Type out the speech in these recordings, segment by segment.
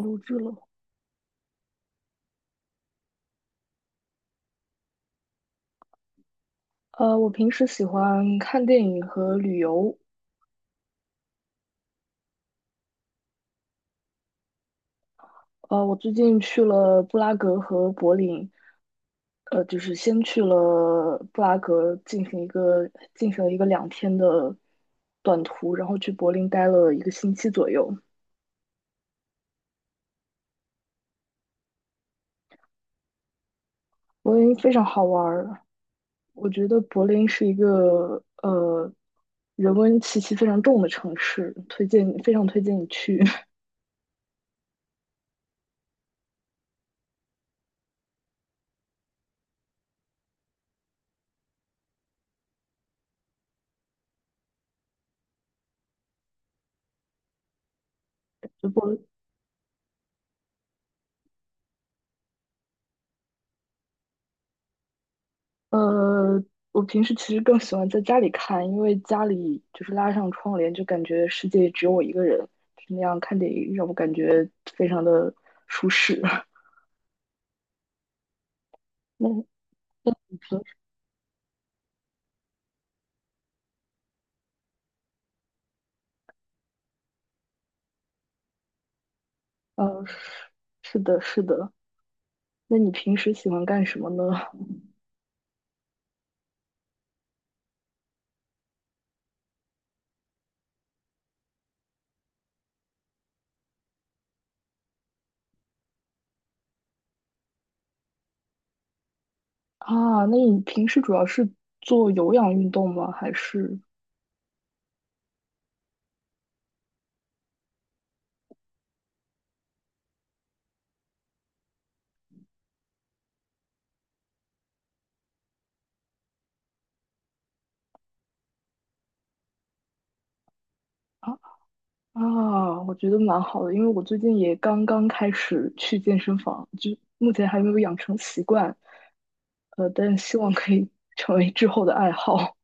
录制了。我平时喜欢看电影和旅游。我最近去了布拉格和柏林。先去了布拉格进行了一个2天的短途，然后去柏林待了1个星期左右。柏林非常好玩儿，我觉得柏林是一个人文气息非常重的城市，非常推荐你去。就柏呃，我平时其实更喜欢在家里看，因为家里就是拉上窗帘，就感觉世界只有我一个人，就那样看电影让我感觉非常的舒适。那你平时，是的，是的。那你平时喜欢干什么呢？啊，那你平时主要是做有氧运动吗？还是？啊？啊，我觉得蛮好的，因为我最近也刚刚开始去健身房，就目前还没有养成习惯，但希望可以 成为之后的爱好。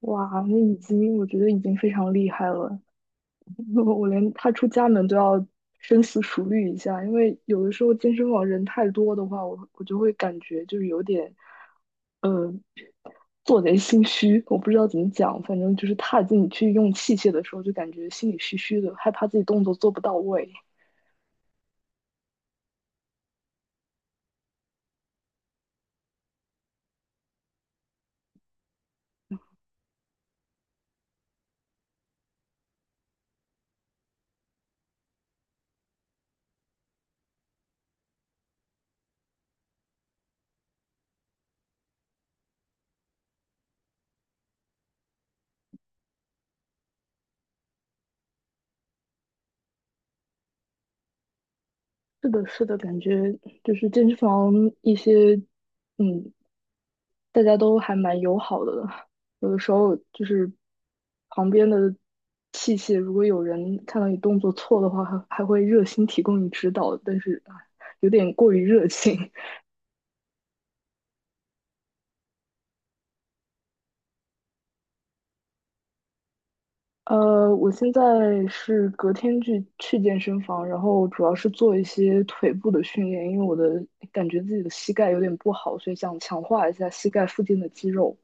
哇，那已经我觉得已经非常厉害了。我连踏出家门都要深思熟虑一下，因为有的时候健身房人太多的话，我就会感觉就是有点，呃，做贼心虚。我不知道怎么讲，反正就是踏进去用器械的时候，就感觉心里虚虚的，害怕自己动作做不到位。是的，是的，感觉就是健身房一些，嗯，大家都还蛮友好的，有的时候就是旁边的器械，如果有人看到你动作错的话，还会热心提供你指导，但是啊有点过于热情。我现在是隔天去健身房，然后主要是做一些腿部的训练，因为我的感觉自己的膝盖有点不好，所以想强化一下膝盖附近的肌肉。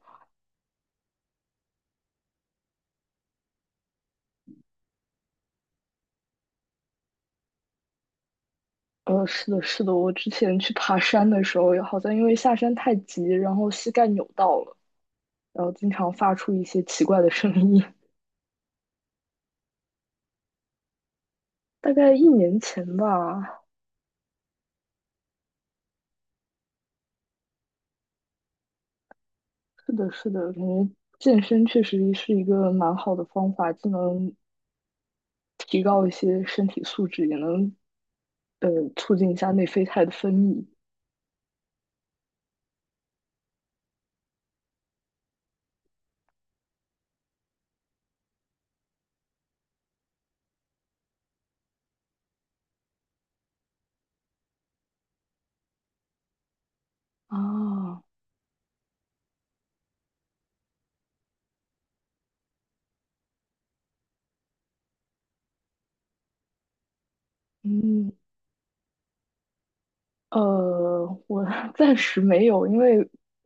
是的，是的，我之前去爬山的时候，好像因为下山太急，然后膝盖扭到了。然后经常发出一些奇怪的声音。大概1年前吧，是的，是的，感觉健身确实是一个蛮好的方法，既能提高一些身体素质，也能呃促进一下内啡肽的分泌啊。嗯，我 暂时没有，因为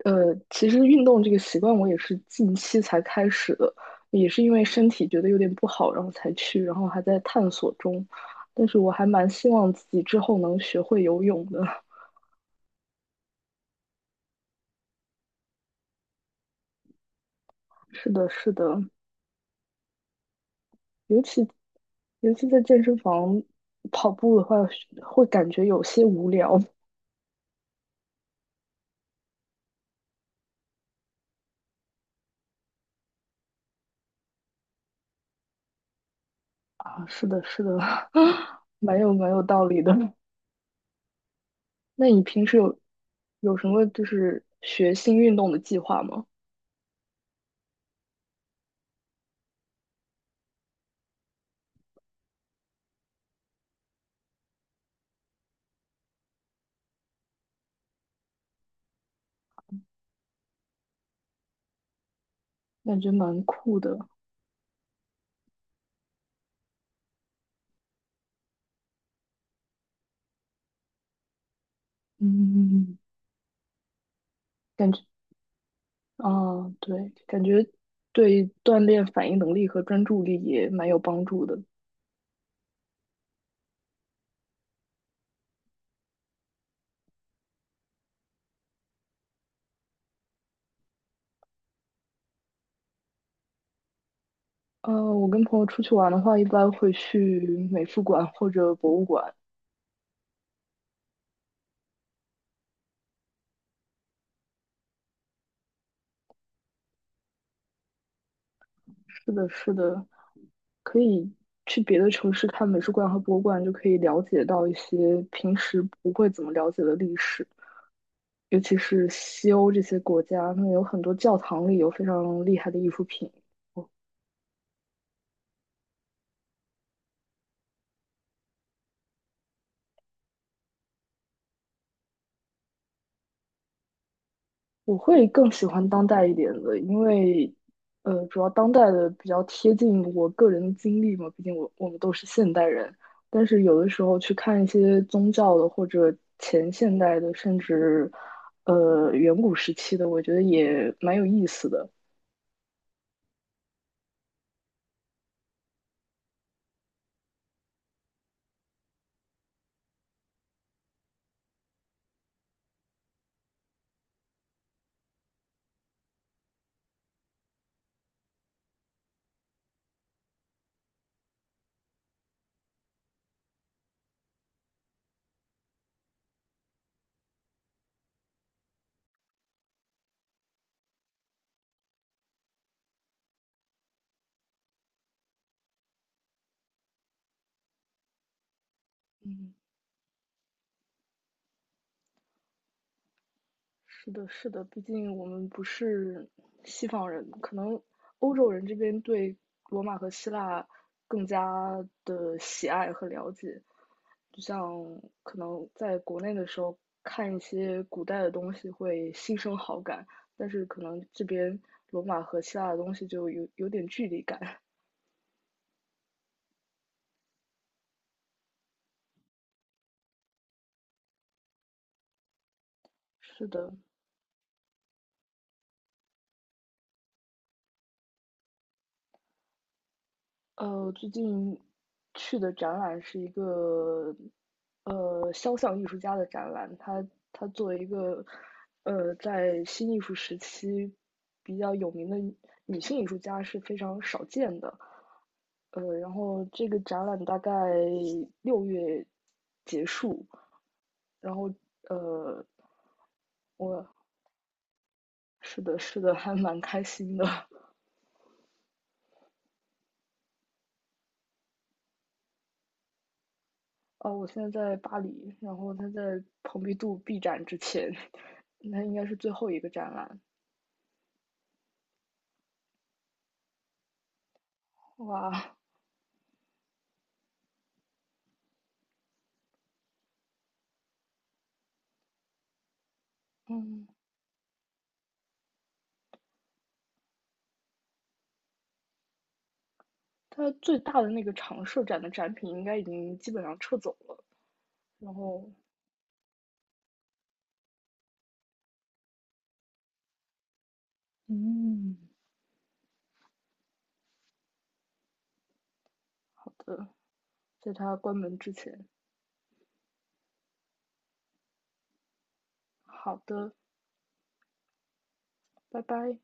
其实运动这个习惯我也是近期才开始的，也是因为身体觉得有点不好，然后才去，然后还在探索中。但是我还蛮希望自己之后能学会游泳的。是的，是的，尤其尤其在健身房跑步的话，会感觉有些无聊啊。是的，是的，蛮有道理的。那你平时有什么就是学新运动的计划吗？感觉蛮酷的，嗯，感觉啊，对，感觉对锻炼反应能力和专注力也蛮有帮助的。我跟朋友出去玩的话，一般会去美术馆或者博物馆。是的，是的，可以去别的城市看美术馆和博物馆，就可以了解到一些平时不会怎么了解的历史，尤其是西欧这些国家，那有很多教堂里有非常厉害的艺术品。我会更喜欢当代一点的，因为，主要当代的比较贴近我个人的经历嘛，毕竟我们都是现代人。但是有的时候去看一些宗教的或者前现代的，甚至远古时期的，我觉得也蛮有意思的。是的，是的，毕竟我们不是西方人，可能欧洲人这边对罗马和希腊更加的喜爱和了解。就像可能在国内的时候看一些古代的东西会心生好感，但是可能这边罗马和希腊的东西就有点距离感。是的，最近去的展览是一个肖像艺术家的展览，他作为一个在新艺术时期比较有名的女性艺术家是非常少见的。然后这个展览大概6月结束，然后呃，我是的，是的，还蛮开心的。哦，我现在在巴黎，然后他在蓬皮杜闭展之前。那应该是最后一个展览。哇，嗯，它最大的那个常设展的展品应该已经基本上撤走了。然后，嗯，好的，在它关门之前，好的，拜拜。